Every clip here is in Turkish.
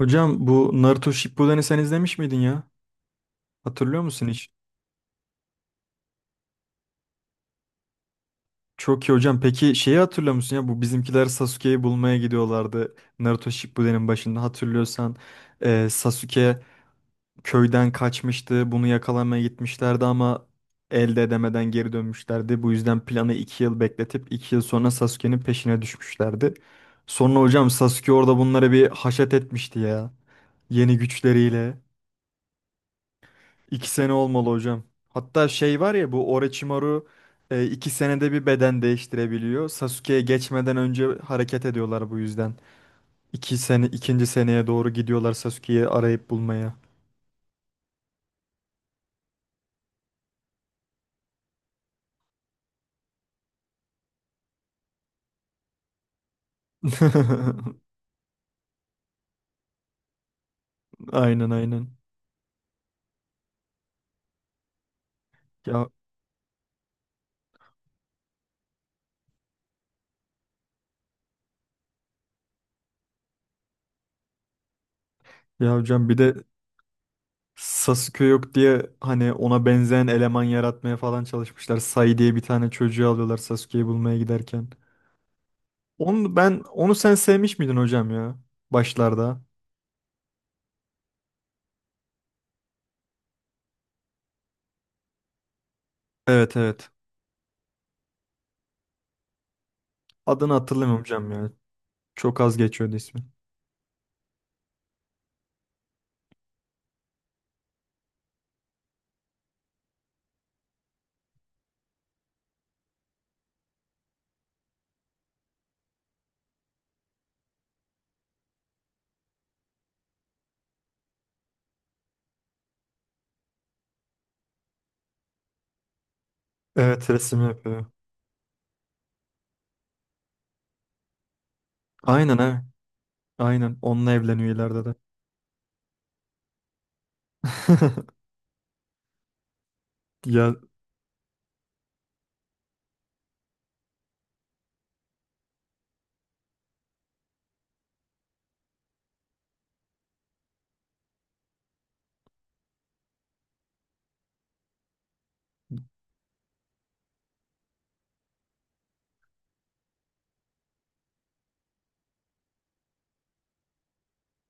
Hocam bu Naruto Shippuden'i sen izlemiş miydin ya? Hatırlıyor musun hiç? Çok iyi hocam. Peki şeyi hatırlıyor musun ya? Bu bizimkiler Sasuke'yi bulmaya gidiyorlardı. Naruto Shippuden'in başında hatırlıyorsan. Sasuke köyden kaçmıştı. Bunu yakalamaya gitmişlerdi ama elde edemeden geri dönmüşlerdi. Bu yüzden planı 2 yıl bekletip 2 yıl sonra Sasuke'nin peşine düşmüşlerdi. Sonra hocam Sasuke orada bunlara bir haşat etmişti ya. Yeni güçleriyle. 2 sene olmalı hocam. Hatta şey var ya bu Orochimaru 2 senede bir beden değiştirebiliyor. Sasuke'ye geçmeden önce hareket ediyorlar bu yüzden. 2 sene, ikinci seneye doğru gidiyorlar Sasuke'yi arayıp bulmaya. Aynen aynen. Ya, ya hocam bir de Sasuke yok diye hani ona benzeyen eleman yaratmaya falan çalışmışlar. Sai diye bir tane çocuğu alıyorlar Sasuke'yi bulmaya giderken. Onu ben onu sen sevmiş miydin hocam ya başlarda? Evet evet. Adını hatırlamıyorum hocam ya. Çok az geçiyordu ismi. Evet resim yapıyor. Aynen ha. Aynen. Onunla evleniyor ileride de. Ya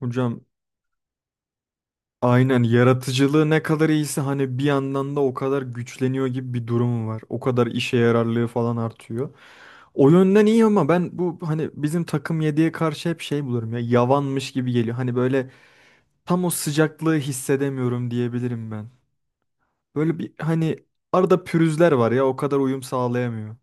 hocam aynen yaratıcılığı ne kadar iyiyse hani bir yandan da o kadar güçleniyor gibi bir durumu var. O kadar işe yararlığı falan artıyor. O yönden iyi ama ben bu hani bizim takım 7'ye karşı hep şey bulurum ya yavanmış gibi geliyor. Hani böyle tam o sıcaklığı hissedemiyorum diyebilirim ben. Böyle bir hani arada pürüzler var ya o kadar uyum sağlayamıyor.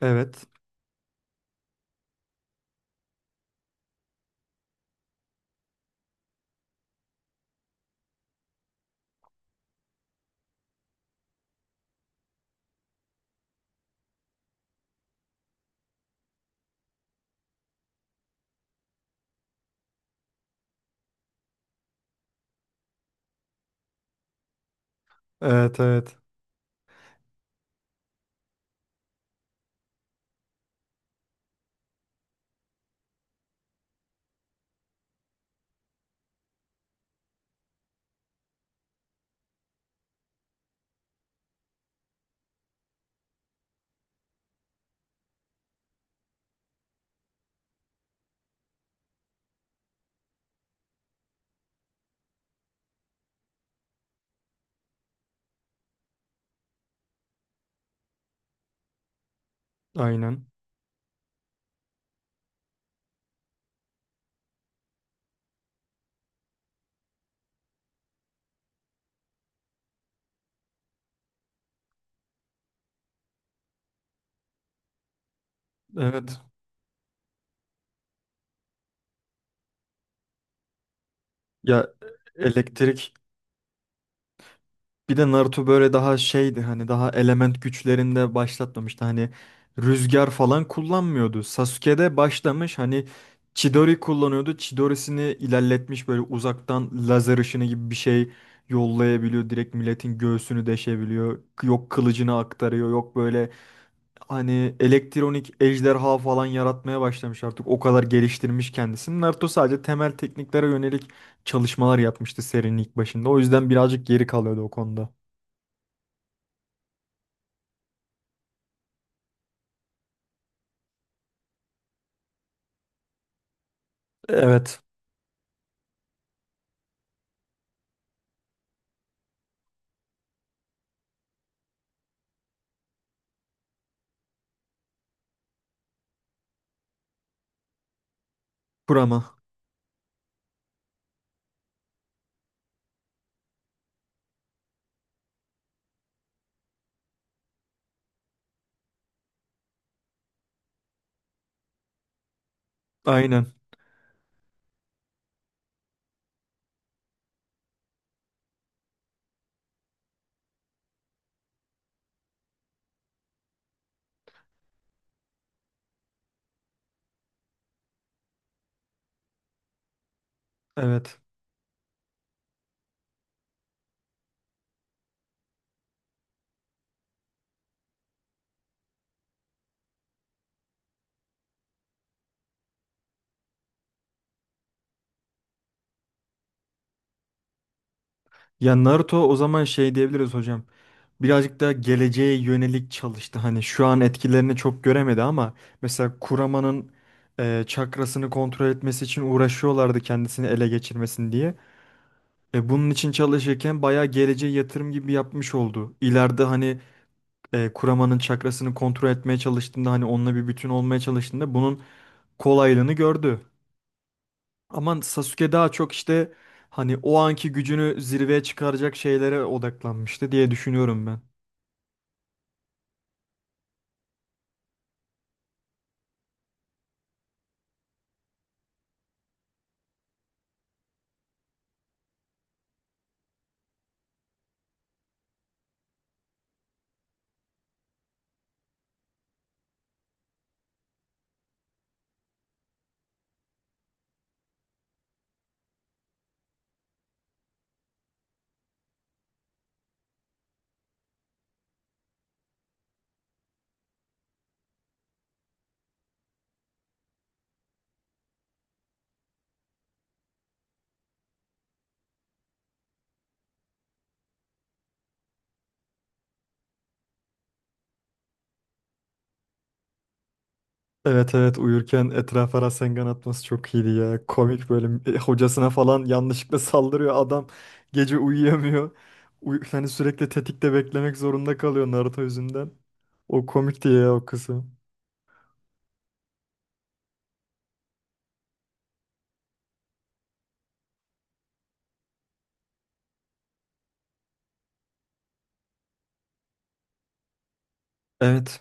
Evet. Evet evet. Aynen. Evet. Ya elektrik bir de Naruto böyle daha şeydi hani daha element güçlerinde başlatmamıştı. Hani rüzgar falan kullanmıyordu. Sasuke'de başlamış hani Chidori kullanıyordu. Chidori'sini ilerletmiş böyle uzaktan lazer ışını gibi bir şey yollayabiliyor. Direkt milletin göğsünü deşebiliyor. Yok kılıcını aktarıyor. Yok böyle. Hani elektronik ejderha falan yaratmaya başlamış artık. O kadar geliştirmiş kendisini. Naruto sadece temel tekniklere yönelik çalışmalar yapmıştı serinin ilk başında. O yüzden birazcık geri kalıyordu o konuda. Evet. Kurama. Aynen. Evet. Ya Naruto o zaman şey diyebiliriz hocam. Birazcık daha geleceğe yönelik çalıştı. Hani şu an etkilerini çok göremedi ama mesela Kurama'nın çakrasını kontrol etmesi için uğraşıyorlardı kendisini ele geçirmesin diye. E bunun için çalışırken bayağı geleceğe yatırım gibi yapmış oldu. İleride hani kuramanın çakrasını kontrol etmeye çalıştığında hani onunla bir bütün olmaya çalıştığında bunun kolaylığını gördü. Ama Sasuke daha çok işte hani o anki gücünü zirveye çıkaracak şeylere odaklanmıştı diye düşünüyorum ben. Evet evet, uyurken etrafa Rasengan atması çok iyiydi ya. Komik böyle, hocasına falan yanlışlıkla saldırıyor adam. Gece uyuyamıyor. Uy hani sürekli tetikte beklemek zorunda kalıyor Naruto yüzünden. O komikti ya o kısım. Evet.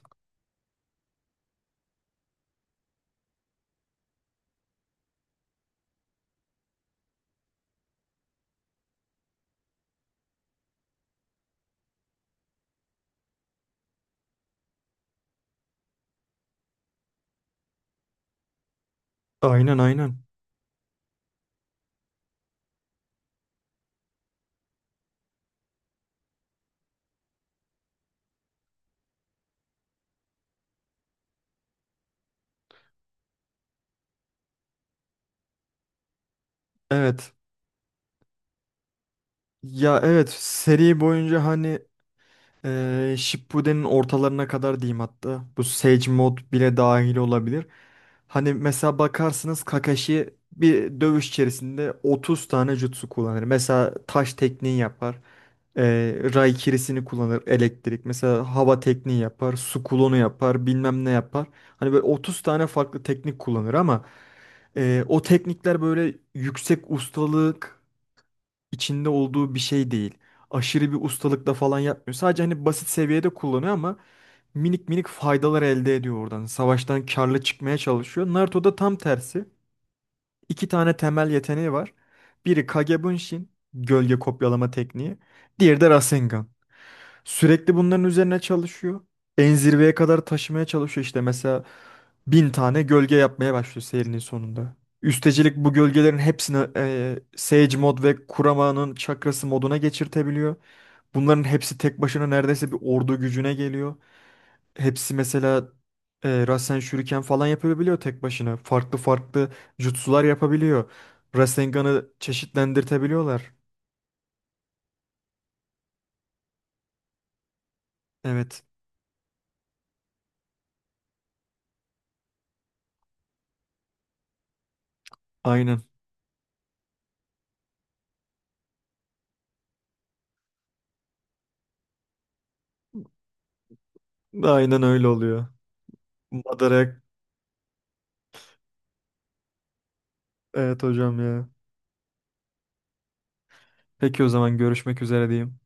Aynen aynen. Evet. Ya evet, seri boyunca hani Shippuden'in ortalarına kadar diyeyim hatta. Bu Sage mod bile dahil olabilir. Hani mesela bakarsınız Kakashi bir dövüş içerisinde 30 tane jutsu kullanır. Mesela taş tekniği yapar. Raikirisini kullanır elektrik. Mesela hava tekniği yapar. Su kulonu yapar. Bilmem ne yapar. Hani böyle 30 tane farklı teknik kullanır ama o teknikler böyle yüksek ustalık içinde olduğu bir şey değil. Aşırı bir ustalıkla falan yapmıyor. Sadece hani basit seviyede kullanıyor ama minik minik faydalar elde ediyor oradan. Savaştan karlı çıkmaya çalışıyor. Naruto'da tam tersi. 2 tane temel yeteneği var. Biri Kage Bunshin, gölge kopyalama tekniği. Diğeri de Rasengan. Sürekli bunların üzerine çalışıyor. En zirveye kadar taşımaya çalışıyor işte mesela 1000 tane gölge yapmaya başlıyor serinin sonunda. Üstecilik bu gölgelerin hepsini Sage mod ve Kurama'nın çakrası moduna geçirtebiliyor. Bunların hepsi tek başına neredeyse bir ordu gücüne geliyor. Hepsi mesela Rasen Shuriken falan yapabiliyor tek başına. Farklı farklı jutsular yapabiliyor. Rasengan'ı çeşitlendirtebiliyorlar. Evet, aynen. Aynen öyle oluyor. Madara. Evet hocam ya. Peki o zaman görüşmek üzere diyeyim.